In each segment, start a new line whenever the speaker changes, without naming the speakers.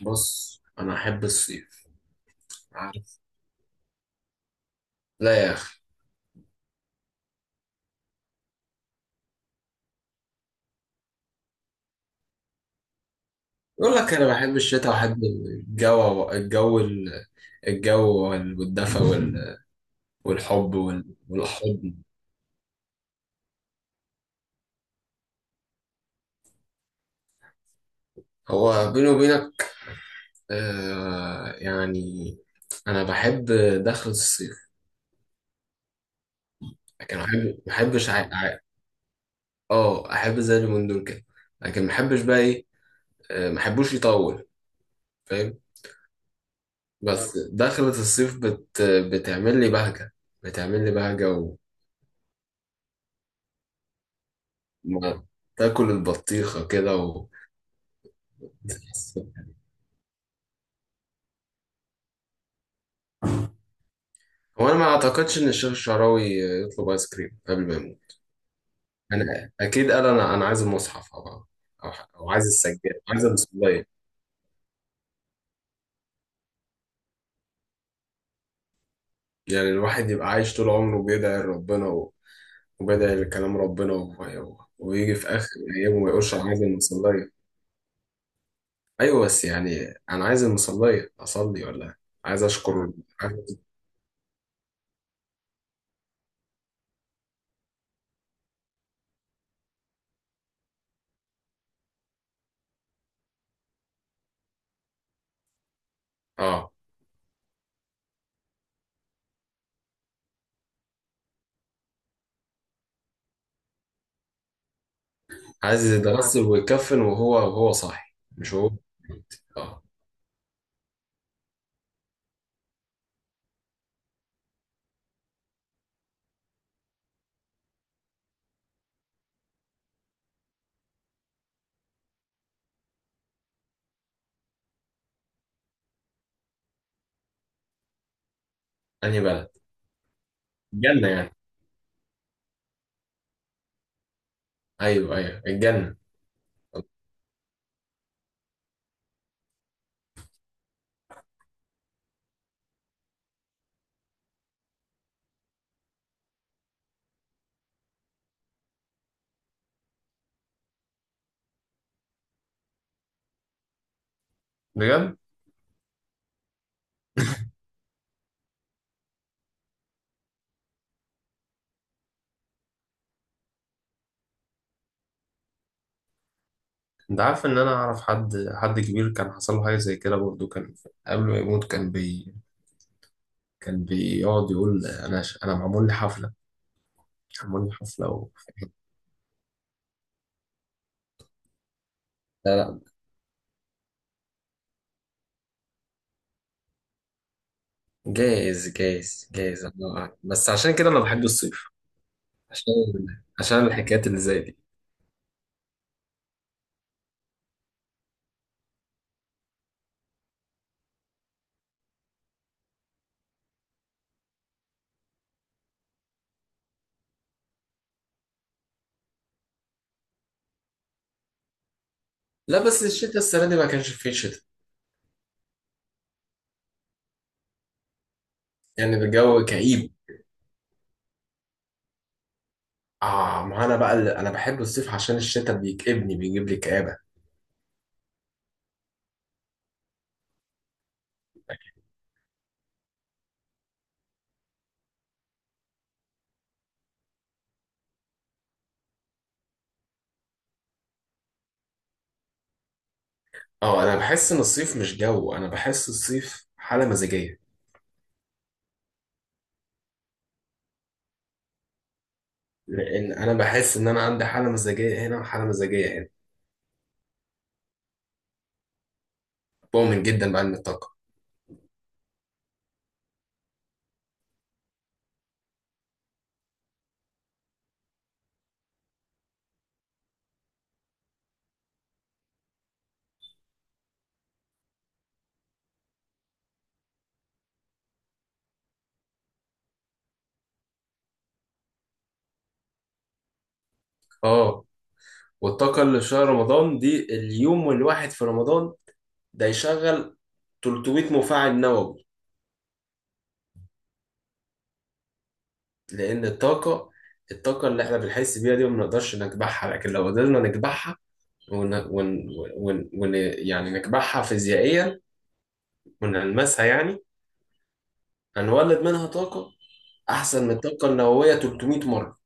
بص، انا احب الصيف. عارف. لا يا اخي. يقول لك انا بحب الشتاء وأحب الجو والدفى والحب والحضن. هو بيني وبينك. آه يعني انا بحب دخلة الصيف. لكن ما بحبش اه، احب زي اليومين دول كده. لكن ما بحبش بقى ايه. ما بحبوش يطول. فاهم. بس دخلة الصيف بتعمل لي بهجة. بتعمل لي بهجة. ما تاكل البطيخة كده و... هو انا ما اعتقدش ان الشيخ الشعراوي يطلب ايس كريم قبل ما يموت. انا اكيد قال انا عايز المصحف او أو عايز السجاد عايز المصلية. يعني الواحد يبقى عايش طول عمره بيدعي لربنا وبيدعي لكلام ربنا و... ويجي في اخر ايامه ما يقولش انا عايز المصلية. ايوه بس يعني انا عايز المصلية اصلي ولا عايز اشكر. عايز... اه. عايز يتغسل ويكفن وهو صاحي مش هو. آه. انهي بلد؟ الجنة يعني. ايوه، ايوه، الجنة. بجد. انت عارف ان انا اعرف حد كبير كان حصل له حاجة زي كده برضه كان. قبل ما يموت كان بيقعد يقول انا معمول لي حفلة. معمول لي حفلة و... لا، لا. جايز جايز جايز الله اعلم. بس عشان كده انا بحب الصيف. عشان عشان الحكايات اللي زي دي. لا بس الشتاء السنة دي ما كانش فيه شتاء. يعني الجو كئيب. اه، ما انا بقى اللي- انا بحب الصيف عشان الشتاء بيكئبني بيجيب لي كآبة. اه، انا بحس ان الصيف مش جو، انا بحس الصيف حاله مزاجيه. لان انا بحس ان انا عندي حاله مزاجيه هنا وحاله مزاجيه هنا. بؤمن جدا بقى ان الطاقه. اه. والطاقه اللي في شهر رمضان دي اليوم الواحد في رمضان ده يشغل 300 مفاعل نووي. لان الطاقه اللي احنا بنحس بيها دي ما بنقدرش نكبحها. لكن لو قدرنا نكبحها ون... ون... يعني نكبحها فيزيائيا ونلمسها يعني. هنولد منها طاقه احسن من الطاقه النوويه 300 مره.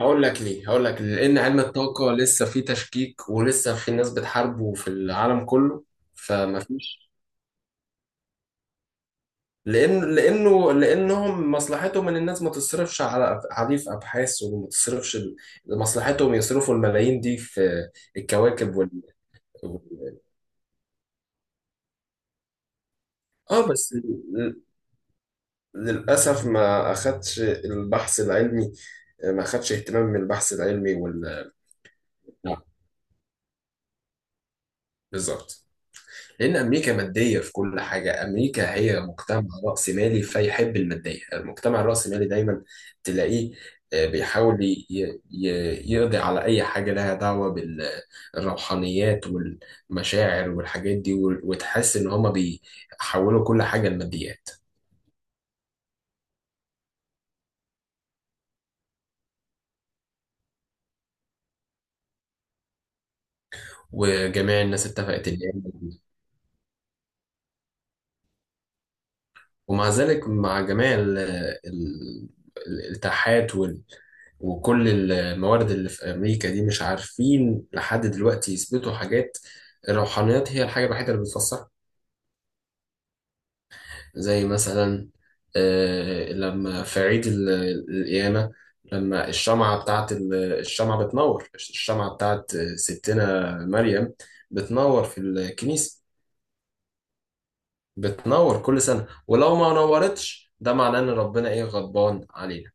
هقول لك ليه، هقول لك ليه. لان علم الطاقه لسه فيه تشكيك ولسه في ناس بتحاربه في العالم كله. فما فيش. لانهم مصلحتهم ان الناس ما تصرفش عليه في ابحاث وما تصرفش مصلحتهم يصرفوا الملايين دي في الكواكب وال... وال- اه بس للاسف ما اخدش البحث العلمي. ما اخدش اهتمام من البحث العلمي وال. نعم، بالظبط. لأن أمريكا مادية في كل حاجة. أمريكا هي مجتمع رأسمالي فيحب المادية. المجتمع الرأسمالي دايما تلاقيه بيحاول يقضي على أي حاجة لها دعوة بالروحانيات والمشاعر والحاجات دي وتحس إن هما بيحولوا كل حاجة لماديات. وجميع الناس اتفقت إن هي. ومع ذلك مع جميع الاتاحات وكل الموارد اللي في أمريكا دي مش عارفين لحد دلوقتي يثبتوا حاجات. الروحانيات هي الحاجة الوحيدة اللي بتفسرها. زي مثلا لما في عيد القيامة. لما الشمعة بتاعت الشمعة بتنور. الشمعة بتاعت ستنا مريم بتنور في الكنيسة. بتنور كل سنة، ولو ما نورتش ده معناه إن ربنا إيه غضبان علينا.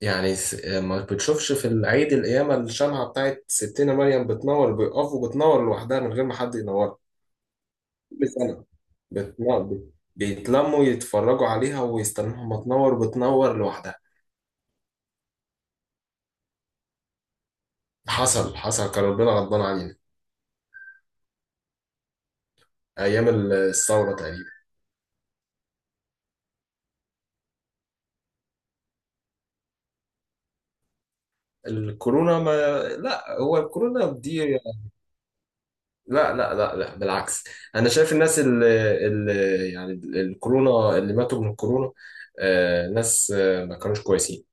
يعني ما بتشوفش في العيد القيامة الشمعة بتاعت ستنا مريم بتنور؟ بيقفوا بتنور لوحدها من غير ما حد ينورها. كل سنة بتنور. بيتلموا يتفرجوا عليها ويستنوها ما تنور، بتنور لوحدها. حصل، حصل كان ربنا غضبان علينا. أيام الثورة تقريبا. الكورونا ما لا، هو الكورونا دي. لا لا لا لا، بالعكس. أنا شايف اللي يعني الكورونا اللي ماتوا من الكورونا. ناس ما كانوش كويسين.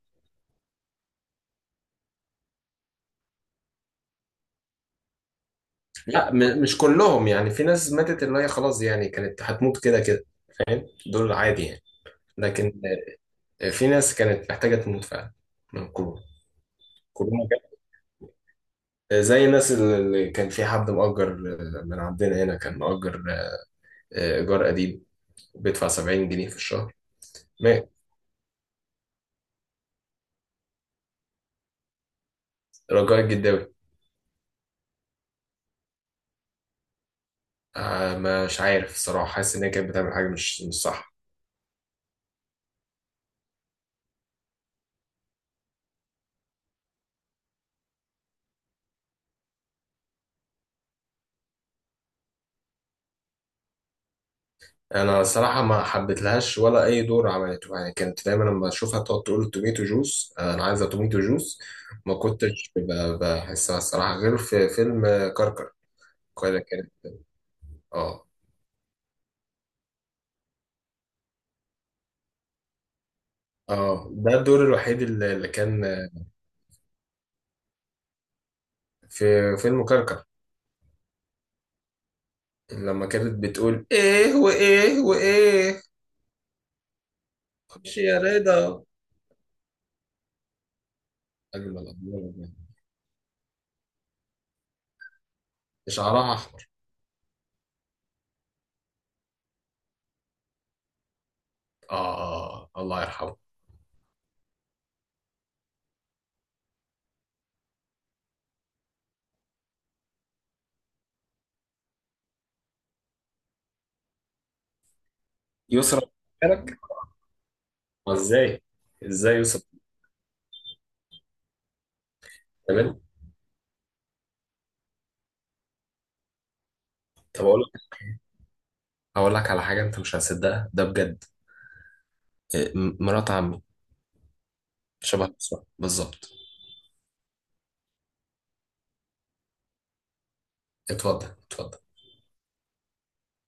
لا، مش كلهم. يعني في ناس ماتت اللي هي خلاص يعني كانت هتموت كده كده. دول عادي يعني. لكن في ناس كانت محتاجة تموت فعلا من كورونا. كورونا جت. زي الناس اللي كان في حد مؤجر. من عندنا هنا كان مؤجر إيجار قديم بيدفع 70 جنيه في الشهر. مات. رجاء الجداوي. آه، مش عارف الصراحة. حاسس إن هي كانت بتعمل حاجة مش صح. انا الصراحه ما حبيتلهاش ولا اي دور عملته. يعني كانت دايما لما اشوفها تقعد تقول توميتو جوس، انا عايزه توميتو جوس. ما كنتش بحسها الصراحه غير في فيلم كركر. كده كان. اه، اه، ده الدور الوحيد اللي كان، في فيلم كركر. لما كانت بتقول ايه وايه وايه. خش يا رضا. اجمل، أجمل. شعرها احمر. اه، الله يرحمه. يسرا. بالك؟ ازاي؟ ازاي يسرا؟ تمام. طب اقول اقول لك على حاجه انت مش هتصدقها ده بجد. إيه، مرات عمي. شبه بالظبط، بالظبط. اتفضل، اتفضل.